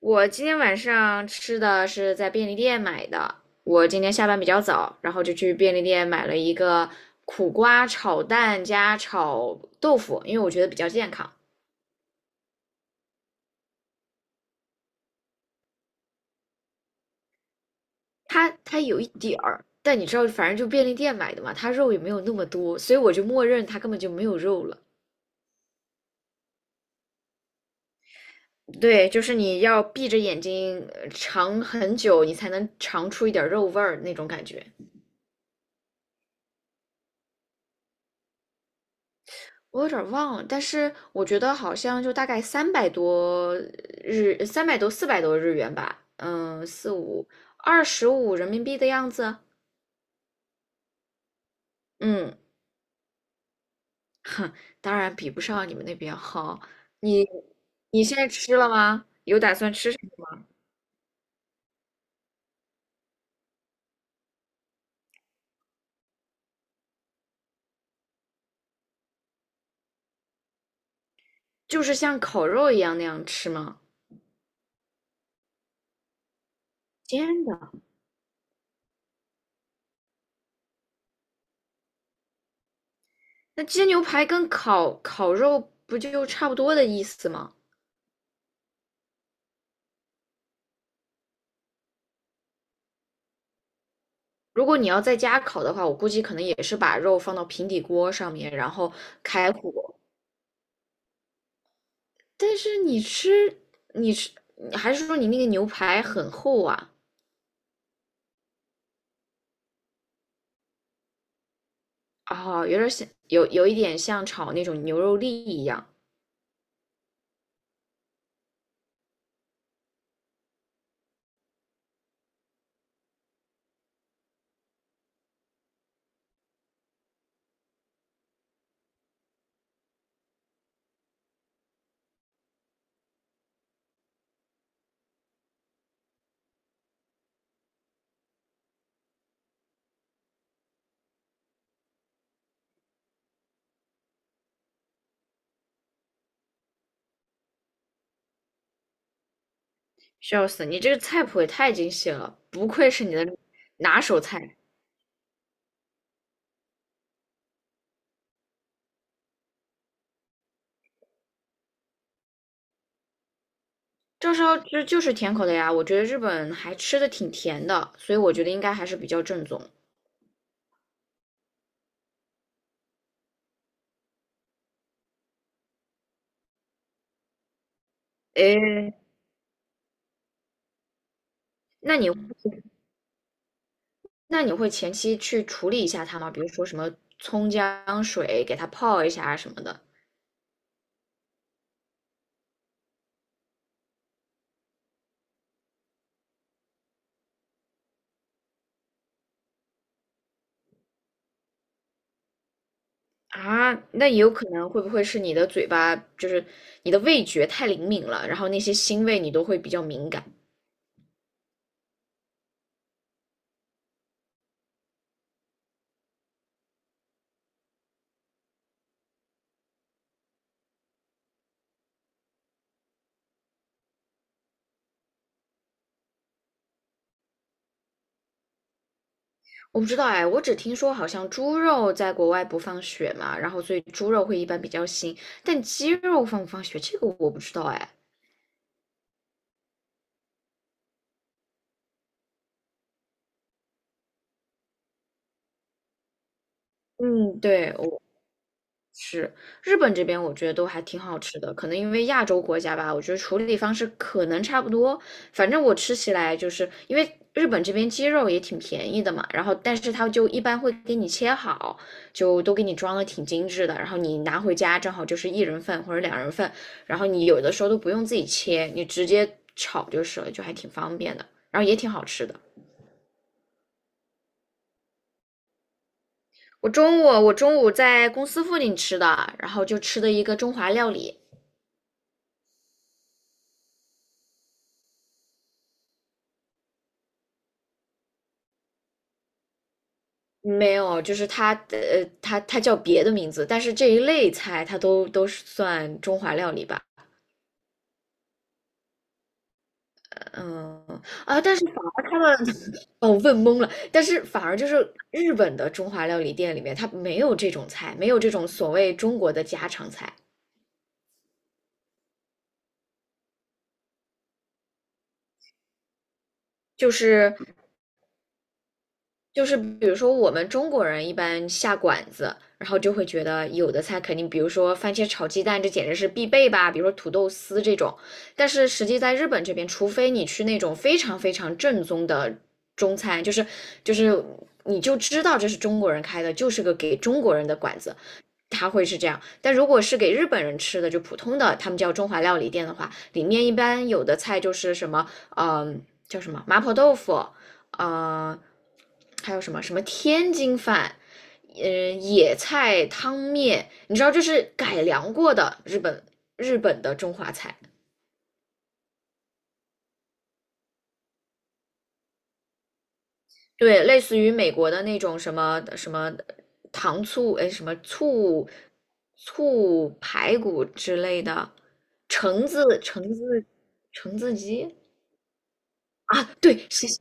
我今天晚上吃的是在便利店买的。我今天下班比较早，然后就去便利店买了一个苦瓜炒蛋加炒豆腐，因为我觉得比较健康。它有一点儿，但你知道，反正就便利店买的嘛，它肉也没有那么多，所以我就默认它根本就没有肉了。对，就是你要闭着眼睛尝很久，你才能尝出一点肉味儿那种感觉。我有点儿忘了，但是我觉得好像就大概三百多日，300多400多日元吧，嗯，四五25人民币的样子。嗯，当然比不上你们那边好。你你现在吃了吗？有打算吃什么就是像烤肉一样那样吃吗？煎的。那煎牛排跟烤肉不就差不多的意思吗？如果你要在家烤的话，我估计可能也是把肉放到平底锅上面，然后开火。但是你吃，你吃，你还是说你那个牛排很厚啊？哦，有点像，有一点像炒那种牛肉粒一样。笑死，你这个菜谱也太精细了，不愧是你的拿手菜。照烧汁就是甜口的呀，我觉得日本还吃的挺甜的，所以我觉得应该还是比较正宗。诶，那你那你会前期去处理一下它吗？比如说什么葱姜水给它泡一下啊什么的，啊，那也有可能会不会是你的嘴巴，就是你的味觉太灵敏了，然后那些腥味你都会比较敏感。我不知道哎，我只听说好像猪肉在国外不放血嘛，然后所以猪肉会一般比较腥，但鸡肉放不放血这个我不知道哎。嗯，对，我。是，日本这边我觉得都还挺好吃的，可能因为亚洲国家吧，我觉得处理方式可能差不多。反正我吃起来就是因为日本这边鸡肉也挺便宜的嘛，然后但是它就一般会给你切好，就都给你装的挺精致的，然后你拿回家正好就是一人份或者两人份，然后你有的时候都不用自己切，你直接炒就是了，就还挺方便的，然后也挺好吃的。我中午在公司附近吃的，然后就吃的一个中华料理。没有，就是它的，它它叫别的名字，但是这一类菜它都是算中华料理吧，嗯，而他们哦问懵了，但是反而就是日本的中华料理店里面，它没有这种菜，没有这种所谓中国的家常菜，就是就是比如说，我们中国人一般下馆子，然后就会觉得有的菜肯定，比如说番茄炒鸡蛋，这简直是必备吧，比如说土豆丝这种。但是实际在日本这边，除非你去那种非常非常正宗的中餐，就是你就知道这是中国人开的，就是个给中国人的馆子，它会是这样。但如果是给日本人吃的，就普通的他们叫中华料理店的话，里面一般有的菜就是什么，嗯、呃叫什么麻婆豆腐，呃，还有什么什么天津饭。嗯，野菜汤面，你知道这是改良过的日本的中华菜，对，类似于美国的那种什么什么糖醋，哎，什么醋排骨之类的，橙子橙子鸡啊，对，谢谢，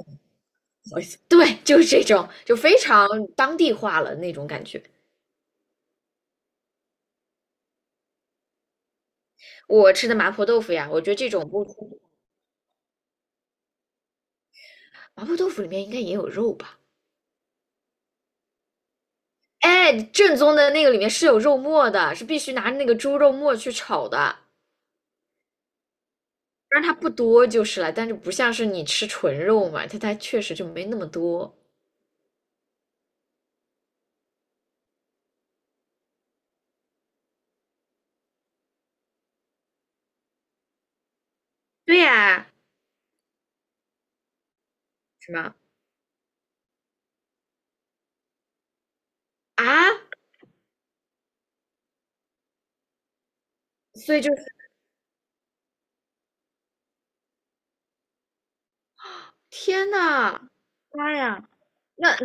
不好意思，对，就是这种，就非常当地化了那种感觉。我吃的麻婆豆腐呀，我觉得这种不，麻婆豆腐里面应该也有肉吧？哎，正宗的那个里面是有肉末的，是必须拿那个猪肉末去炒的。但然它不多就是了，但是不像是你吃纯肉嘛，它它确实就没那么多。对呀，什么？啊，所以就是天呐，妈呀，那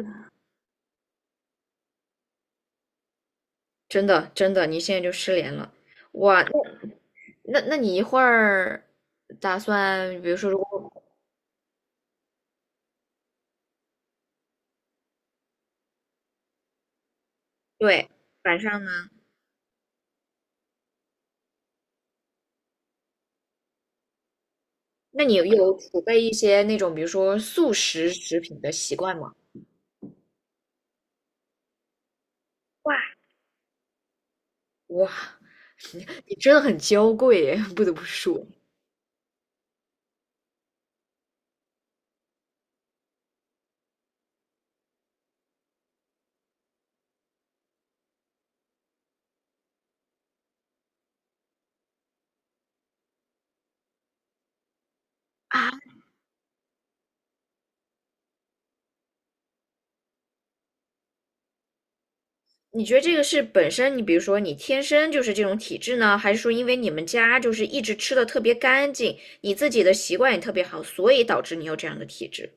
真的真的，你现在就失联了。哇，那那你一会儿打算，比如说如果对晚上呢，那你有储备一些那种比如说速食食品的习惯吗？哇，哇，你真的很娇贵耶，不得不说啊。你觉得这个是本身你比如说你天生就是这种体质呢，还是说因为你们家就是一直吃的特别干净，你自己的习惯也特别好，所以导致你有这样的体质？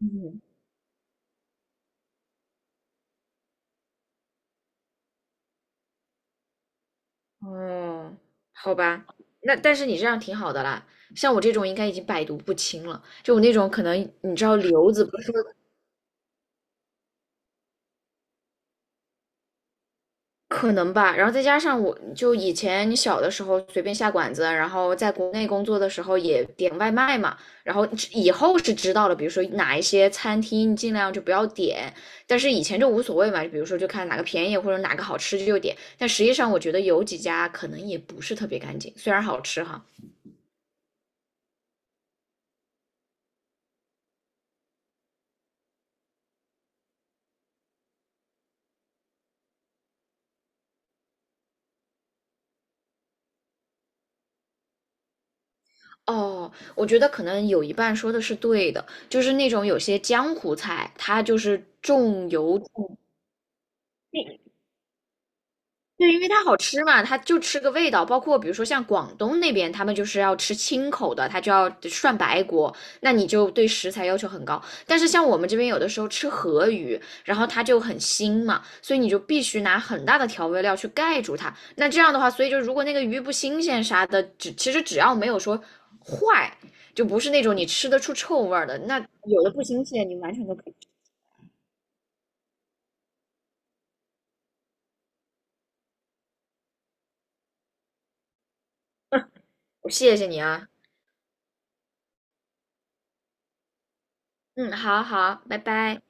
嗯。哦，好吧，那但是你这样挺好的啦，像我这种应该已经百毒不侵了，就我那种可能你知道瘤子不是可能吧，然后再加上我就以前小的时候随便下馆子，然后在国内工作的时候也点外卖嘛，然后以后是知道了，比如说哪一些餐厅尽量就不要点，但是以前就无所谓嘛，比如说就看哪个便宜或者哪个好吃就点，但实际上我觉得有几家可能也不是特别干净，虽然好吃哈。哦，我觉得可能有一半说的是对的，就是那种有些江湖菜，它就是重油重对，因为它好吃嘛，它就吃个味道。包括比如说像广东那边，他们就是要吃清口的，他就要涮白锅，那你就对食材要求很高。但是像我们这边有的时候吃河鱼，然后它就很腥嘛，所以你就必须拿很大的调味料去盖住它。那这样的话，所以就如果那个鱼不新鲜啥的，其实只要没有说坏，就不是那种你吃得出臭味儿的，那有的不新鲜，你完全都可以吃。谢谢你啊，嗯，好好，拜拜。